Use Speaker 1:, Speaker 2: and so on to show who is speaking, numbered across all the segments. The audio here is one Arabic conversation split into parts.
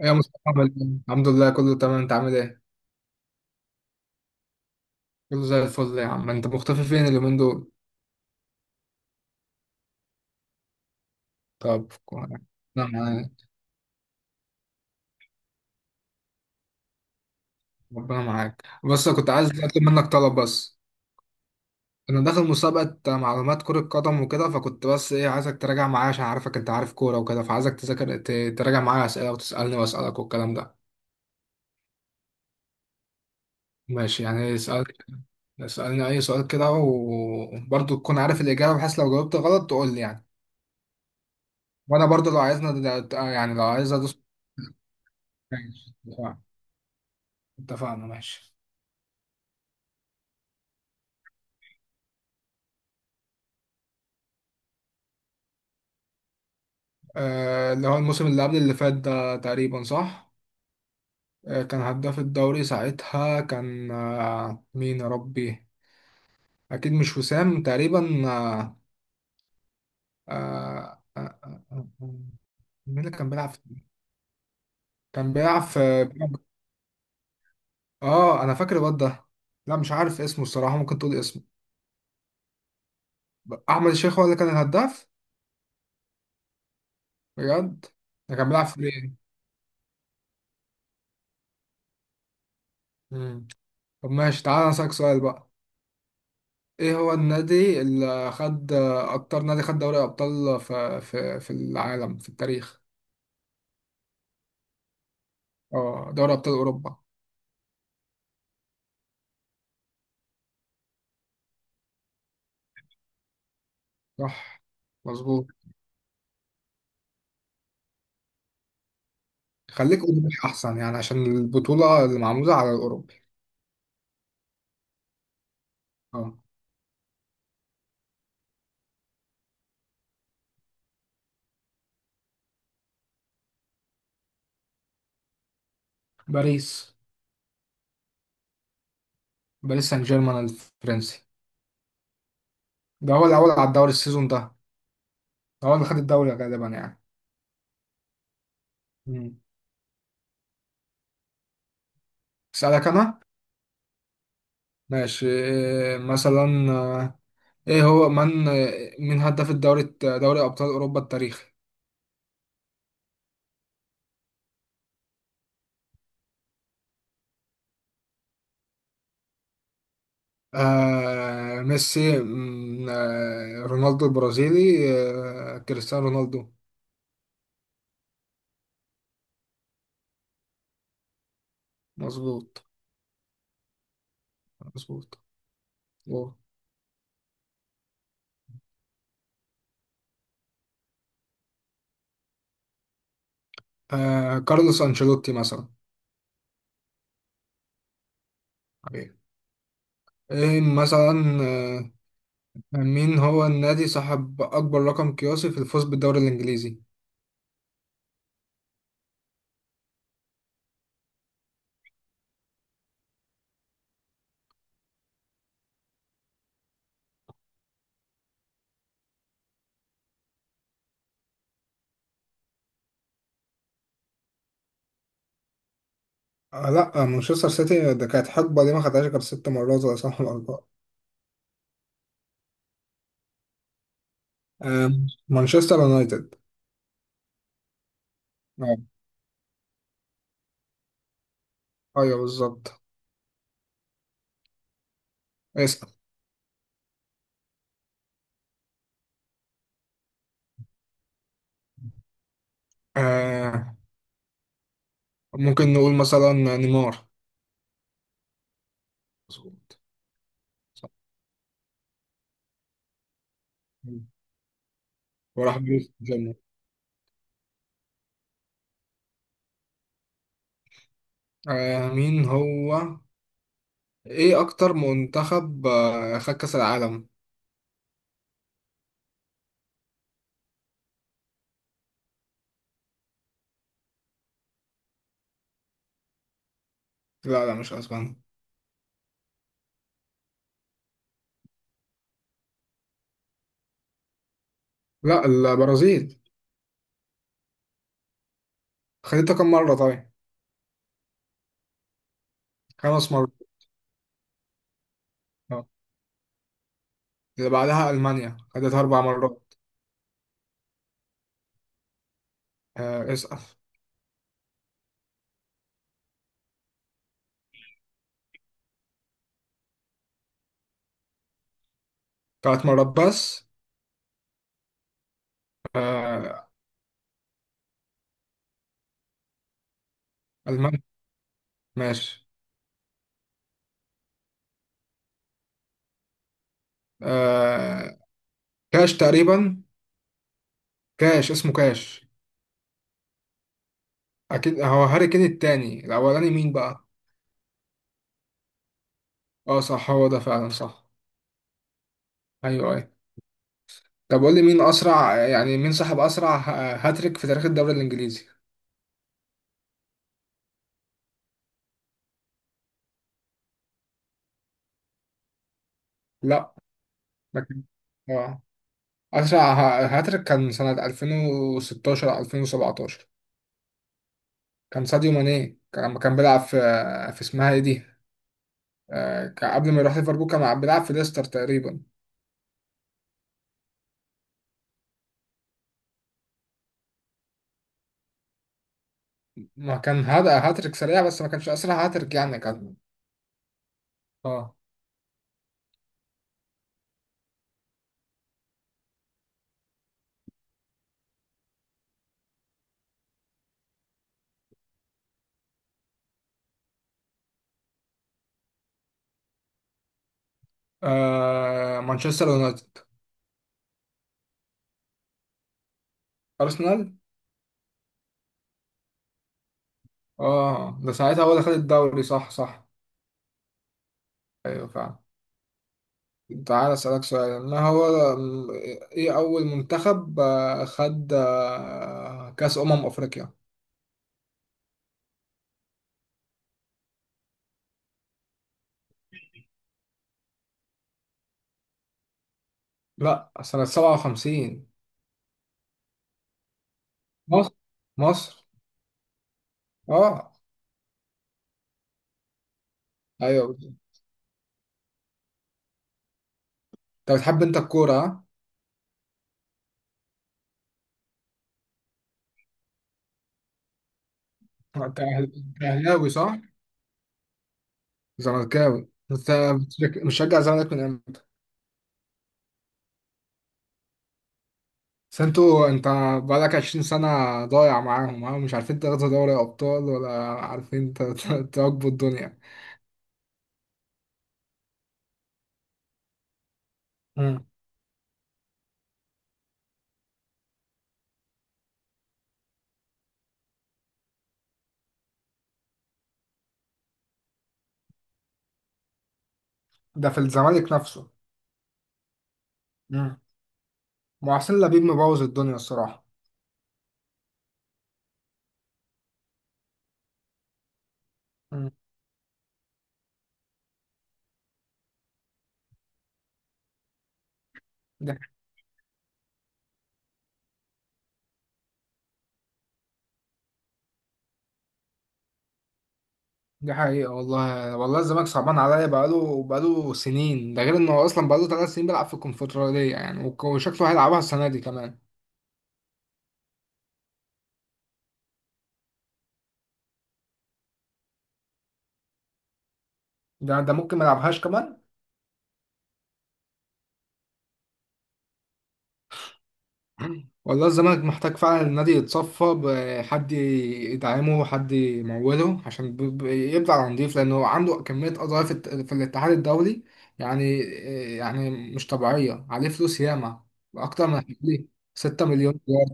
Speaker 1: يا مصطفى، عامل إيه؟ الحمد لله كله تمام. انت عامل ايه؟ كله زي الفل يا عم. انت مختفي فين اليومين دول؟ طب كويس. ربنا معاك. ربنا معاك، بس أنا كنت عايز اطلب منك طلب. بس انا داخل مسابقة معلومات كرة قدم وكده، فكنت بس ايه، عايزك تراجع معايا عشان عارفك، انت عارف كورة وكده، فعايزك تراجع معايا اسئلة، وتسألني واسألك والكلام ده. ماشي، يعني اسألني اي سؤال كده، وبرضه تكون عارف الإجابة، بحيث لو جاوبت غلط تقول لي يعني. وانا برضه لو عايزنا، يعني لو عايز ادوس. ماشي. اتفقنا، ماشي. اللي هو الموسم اللي قبل اللي فات ده، تقريبا صح. كان هداف الدوري ساعتها كان، مين يا ربي. اكيد مش وسام تقريبا. آه، آه، آه، آه، مين اللي كان بيلعب في- كان بيلعب في. اه، انا فاكر الواد ده. لا، مش عارف اسمه الصراحة، ممكن تقول اسمه. احمد الشيخ هو اللي كان الهداف. بجد. ده كان بيلعب في ايه. طب ماشي، تعالى اسالك سؤال بقى. ايه هو النادي، اللي خد اكتر نادي خد دوري ابطال في في العالم في التاريخ. اه، دوري ابطال اوروبا. صح. مظبوط. خليك اوروبي احسن، يعني عشان البطولة اللي معمولة على الاوروبي. اه. باريس. باريس سان جيرمان الفرنسي. ده هو الاول على الدوري السيزون ده. ده هو اللي خد الدوري غالبا يعني. مم. اسالك انا. ماشي. إيه مثلا، ايه هو من آه، مين هداف الدوري، دوري ابطال اوروبا التاريخي. ميسي. رونالدو البرازيلي. كريستيانو رونالدو. مظبوط. مظبوط. واو. كارلوس أنشيلوتي مثلا. حبيبي. ايه مثلا آه مين هو النادي صاحب أكبر رقم قياسي في الفوز بالدوري الإنجليزي؟ آه، لا، مانشستر سيتي ده كانت حقبة، دي ما خدهاش غير 6 مرات ولا 7 مرات. آه مانشستر يونايتد. آه، أيوه بالظبط. اسأل. آه ممكن نقول مثلا نيمار. مظبوط. وراح بيس جيم. مين هو ايه اكتر منتخب خد كاس العالم. لا، لا، مش اسبانيا. لا، البرازيل. خدتها كم مرة طيب. 5 مرات. آه. اللي بعدها المانيا، خدتها 4 مرات. آه، اسأل. 3 مرات بس. آه. المانيا. ماشي. آه كاش تقريبا. كاش، اسمه كاش. اكيد هو هاري كين التاني، الاولاني مين بقى. اه، صح، هو ده فعلا، صح. ايوه، أيوه. طب قول لي، مين اسرع يعني مين صاحب اسرع هاتريك في تاريخ الدوري الانجليزي. لا. ده كان- اه، اسرع هاتريك كان سنة 2016 او 2017. كان ساديو ماني، كان لما كان بيلعب في، اسمها ايه دي، كان قبل ما يروح ليفربول كان بيلعب في ليستر تقريبا. ما كان هذا هاتريك سريع، بس ما كانش اسرع هاتريك يعني كان. اه. مانشستر يونايتد. ارسنال. اه، ده ساعتها هو اللي خد الدوري، صح صح. ايوه فعلا. تعال أسألك سؤال، ما هو م- إيه أول منتخب خد كأس أمم أفريقيا؟ لا، سنة 57. مصر. مصر. أه. أيوه بالظبط. أنت بتحب الكورة، ها؟ أنت أهلاوي صح؟ زملكاوي أنت. مشجع الزمالك من إمتى؟ بس أنت بقالك 20 سنة ضايع معاهم، ها؟ مش عارفين تاخدوا دوري أبطال، ولا عارفين تواكبوا الدنيا. مم. ده في الزمالك نفسه. محسن لبيب مبوظ الدنيا الصراحة. مم. دي دي حقيقة، والله والله الزمالك صعبان عليا، بقاله سنين، ده غير انه أصلا بقاله 3 سنين بيلعب في الكونفدرالية، يعني وشكله هيلعبها السنة دي كمان. ده ممكن ما يلعبهاش كمان. والله الزمالك محتاج فعلا النادي يتصفى، بحد يدعمه، حد يموله، عشان يبدأ على نضيف، لأنه عنده كمية قضايا في في الاتحاد الدولي، يعني، يعني مش طبيعية. عليه فلوس ياما، أكتر من حوالي 6 مليون دولار.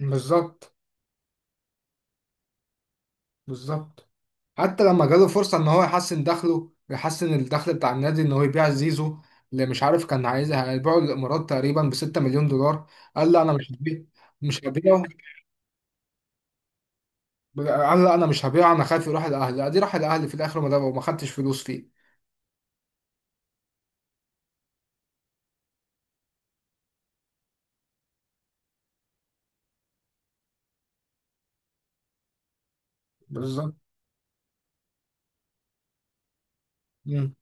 Speaker 1: بالظبط. بالظبط. حتى لما جاله فرصة ان هو يحسن الدخل بتاع النادي، ان هو يبيع زيزو، اللي مش عارف كان عايزها، هيبيعه للامارات تقريبا ب 6 مليون دولار. قال لا، انا مش هبيعه. قال لا، انا مش هبيعه، انا خايف يروح الاهلي، ادي راح الاهلي في الاخر، وما خدتش فلوس فيه. بالظبط. امم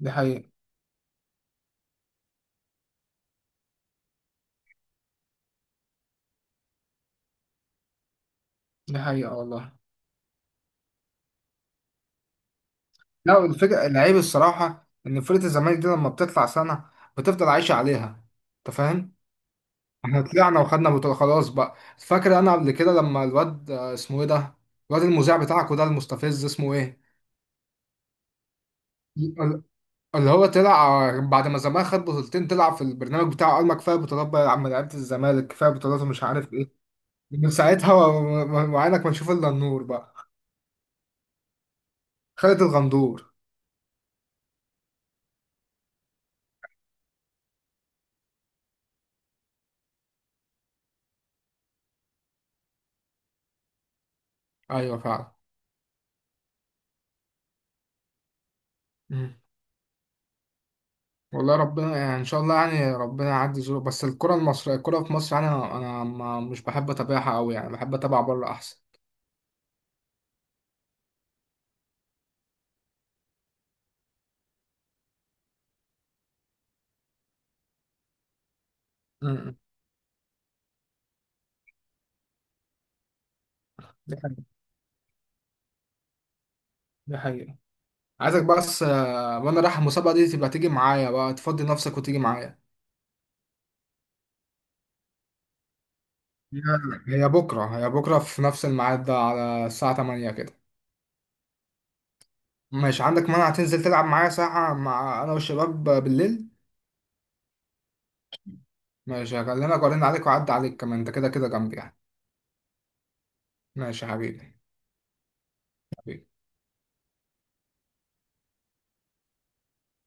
Speaker 1: دي حقيقة، دي حقيقة والله. لا، والفكرة العيب الصراحة، ان فرقة الزمالك دي لما بتطلع سنة، بتفضل عايشة عليها، انت فاهم. احنا طلعنا وخدنا بطولة، خلاص بقى، فاكر انا قبل كده لما الواد، اسمه ايه ده، الواد المذيع بتاعك وده المستفز، اسمه ايه، ال- اللي هو طلع، بعد ما زمان خد بطولتين، طلع في البرنامج بتاعه قال، ما كفايه بطولات بقى يا عم لعيبه الزمالك، كفايه بطولات ومش عارف ايه. من ساعتها وعينك ما تشوف الا النور بقى. خالد الغندور. ايوه فعلا. مم. والله ربنا، يعني ان شاء الله يعني ربنا يعدي ظروف، بس الكره في مصر يعني، انا ما مش بحب اتابعها قوي يعني، بحب اتابع بره احسن. مم. دي حقيقة. دي حقيقة. عايزك بس، وانا رايح المسابقة دي تبقى تيجي معايا بقى، تفضي نفسك وتيجي معايا. هي هي بكرة في نفس الميعاد ده، على الساعة 8 كده. ماشي، عندك مانع تنزل تلعب معايا ساعة مع انا والشباب بالليل؟ ماشي، هكلمك وارن عليك واعدي عليك، كمان انت كده كده جنبي يعني. ماشي يا حبيبي. حبيبي.